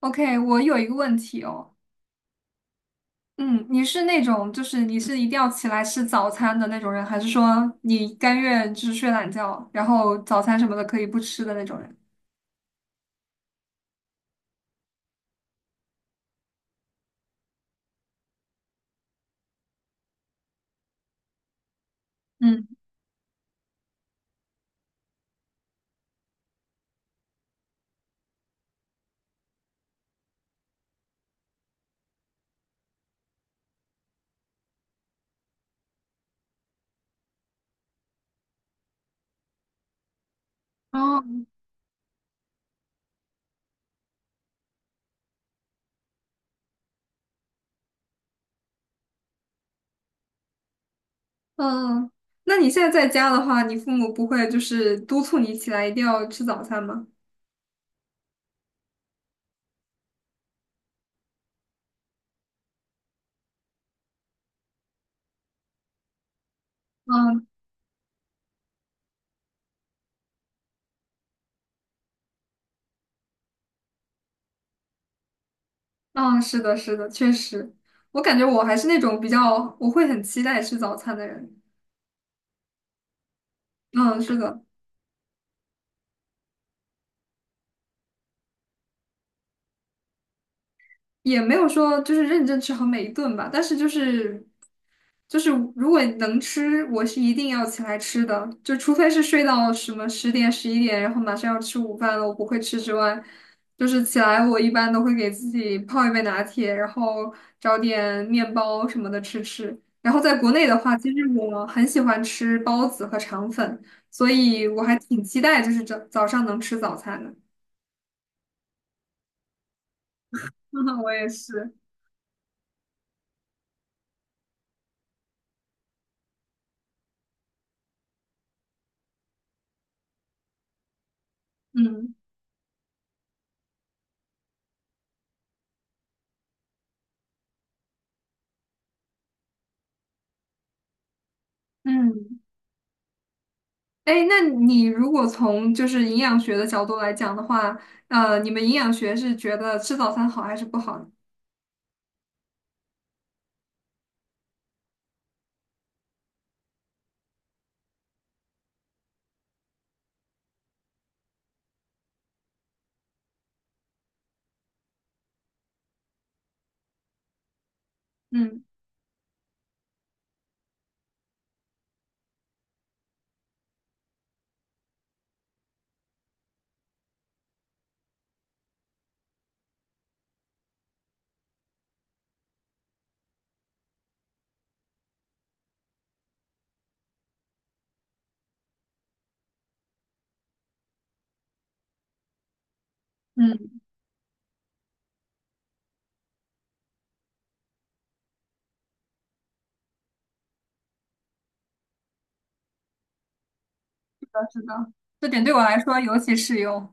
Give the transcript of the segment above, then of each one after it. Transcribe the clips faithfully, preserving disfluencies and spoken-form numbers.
OK，我有一个问题哦，嗯，你是那种就是你是一定要起来吃早餐的那种人，还是说你甘愿就是睡懒觉，然后早餐什么的可以不吃的那种人？嗯，哦，嗯，那你现在在家的话，你父母不会就是督促你起来一定要吃早餐吗？嗯嗯，是的，是的，确实，我感觉我还是那种比较我会很期待吃早餐的人。嗯，是的。也没有说就是认真吃好每一顿吧，但是就是就是如果能吃，我是一定要起来吃的，就除非是睡到什么十点十一点，然后马上要吃午饭了，我不会吃之外，就是起来我一般都会给自己泡一杯拿铁，然后找点面包什么的吃吃。然后在国内的话，其实我很喜欢吃包子和肠粉，所以我还挺期待就是早早上能吃早餐的。我也是，嗯。嗯。哎，那你如果从就是营养学的角度来讲的话，呃，你们营养学是觉得吃早餐好还是不好呢？嗯，嗯，我知道，这点对我来说尤其适用。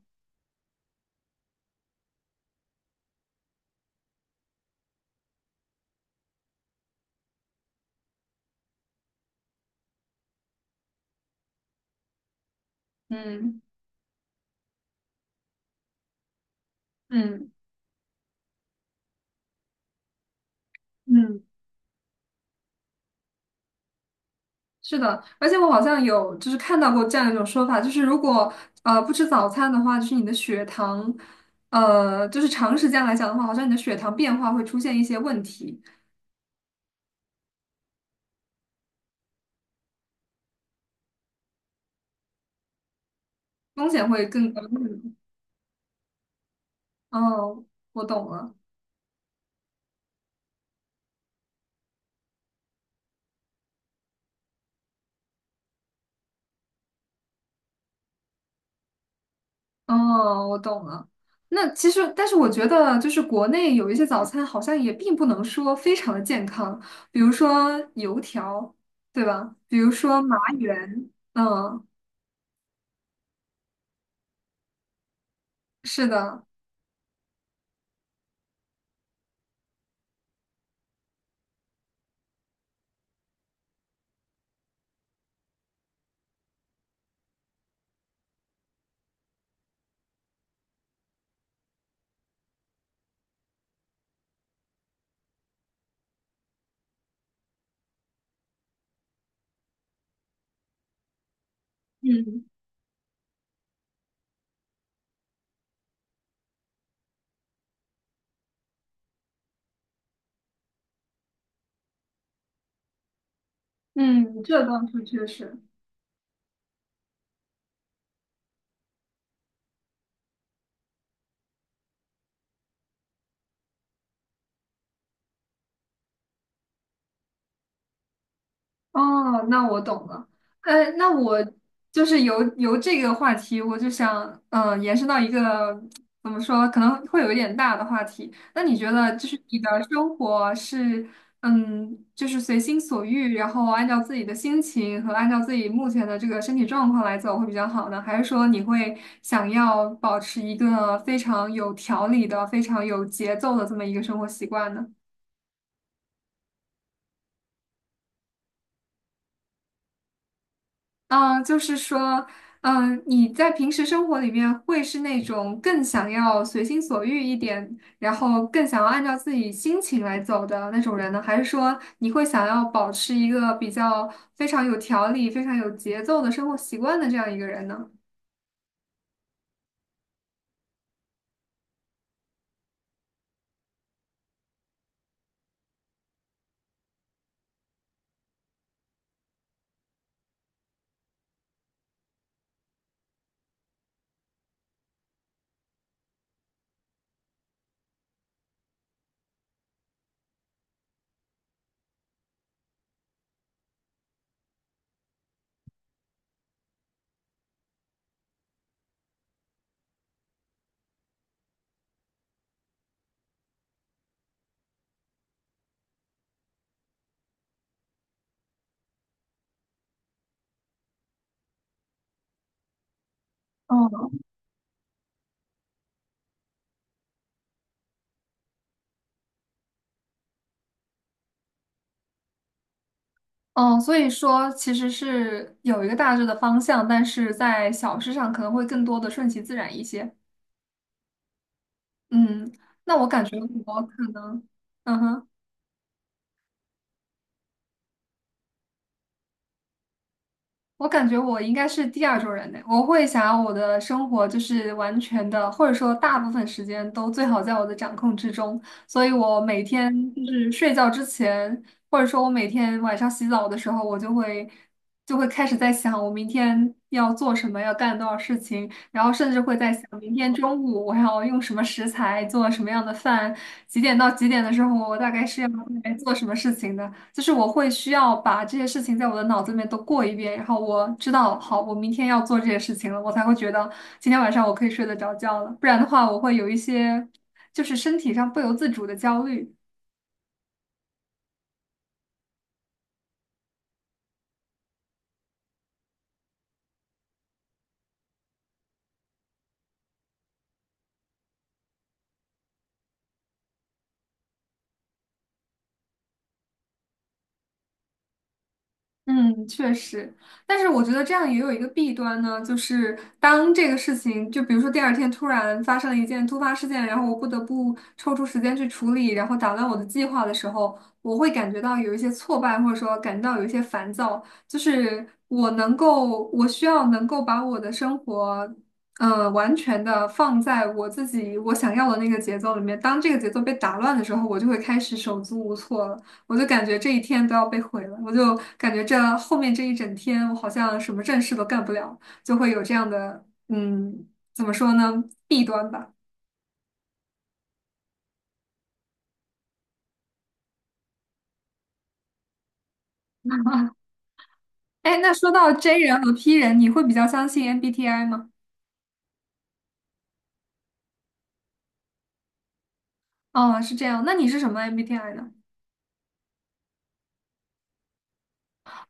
嗯嗯嗯，是的，而且我好像有就是看到过这样一种说法，就是如果呃不吃早餐的话，就是你的血糖，呃，就是长时间来讲的话，好像你的血糖变化会出现一些问题，风险会更高。嗯哦，我懂了。哦，我懂了。那其实，但是我觉得，就是国内有一些早餐好像也并不能说非常的健康，比如说油条，对吧？比如说麻圆，嗯，是的，嗯嗯，这倒是确实。哦，那我懂了。呃，那我就是由由这个话题，我就想，嗯、呃，延伸到一个怎么说，可能会有一点大的话题。那你觉得，就是你的生活是，嗯，就是随心所欲，然后按照自己的心情和按照自己目前的这个身体状况来走会比较好呢？还是说你会想要保持一个非常有条理的、非常有节奏的这么一个生活习惯呢？嗯，就是说，嗯，你在平时生活里面会是那种更想要随心所欲一点，然后更想要按照自己心情来走的那种人呢？还是说你会想要保持一个比较非常有条理、非常有节奏的生活习惯的这样一个人呢？哦，哦，所以说其实是有一个大致的方向，但是在小事上可能会更多的顺其自然一些。嗯，那我感觉我可能，嗯哼。我感觉我应该是第二种人呢，我会想要我的生活就是完全的，或者说大部分时间都最好在我的掌控之中，所以我每天就是睡觉之前，或者说我每天晚上洗澡的时候，我就会就会开始在想我明天要做什么，要干多少事情，然后甚至会在想明天中午我要用什么食材做什么样的饭，几点到几点的时候我大概是要来做什么事情的。就是我会需要把这些事情在我的脑子里面都过一遍，然后我知道，好，我明天要做这些事情了，我才会觉得今天晚上我可以睡得着觉了。不然的话，我会有一些就是身体上不由自主的焦虑。嗯，确实，但是我觉得这样也有一个弊端呢，就是当这个事情，就比如说第二天突然发生了一件突发事件，然后我不得不抽出时间去处理，然后打乱我的计划的时候，我会感觉到有一些挫败，或者说感到有一些烦躁，就是我能够，我需要能够把我的生活，呃，完全的放在我自己我想要的那个节奏里面，当这个节奏被打乱的时候，我就会开始手足无措了。我就感觉这一天都要被毁了，我就感觉这后面这一整天，我好像什么正事都干不了，就会有这样的，嗯，怎么说呢，弊端吧。哎，那说到 J 人和 P 人，你会比较相信 M B T I 吗？哦，是这样，那你是什么 M B T I 呢？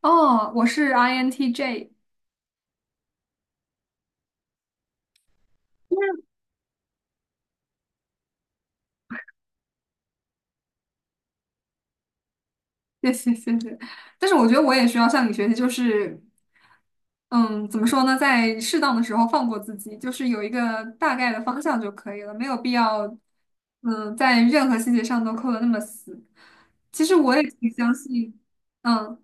哦，我是 I N T J。谢谢谢谢，但是我觉得我也需要向你学习，就是嗯，怎么说呢，在适当的时候放过自己，就是有一个大概的方向就可以了，没有必要，嗯，在任何细节上都扣得那么死。其实我也挺相信，嗯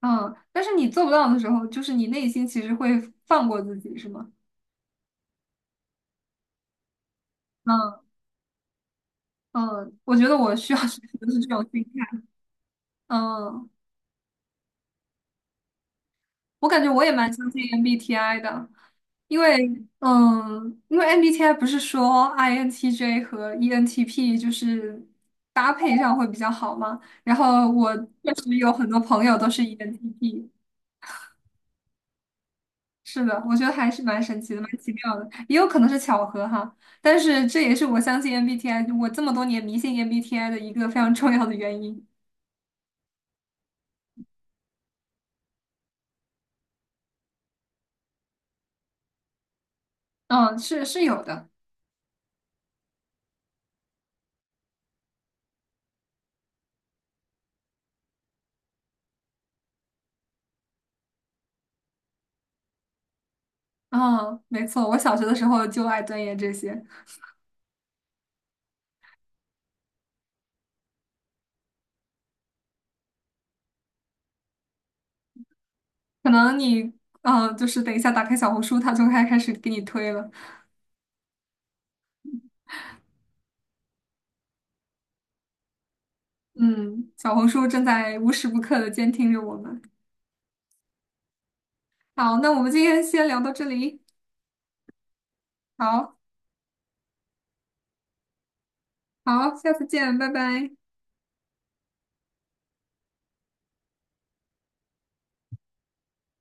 嗯，但是你做不到的时候，就是你内心其实会放过自己，是吗？嗯嗯，我觉得我需要学习的是这种心态。嗯，我感觉我也蛮相信 MBTI 的。因为，嗯，因为 MBTI 不是说 INTJ 和 ENTP 就是搭配上会比较好吗？然后我确实有很多朋友都是 E N T P,是的，我觉得还是蛮神奇的，蛮奇妙的，也有可能是巧合哈。但是这也是我相信 M B T I,我这么多年迷信 M B T I 的一个非常重要的原因。嗯，是是有的。嗯，没错，我小学的时候就爱钻研这些，可能你，嗯，就是等一下打开小红书，它就开开始给你推了。嗯，小红书正在无时不刻的监听着我们。好，那我们今天先聊到这里。好，好，下次见，拜拜。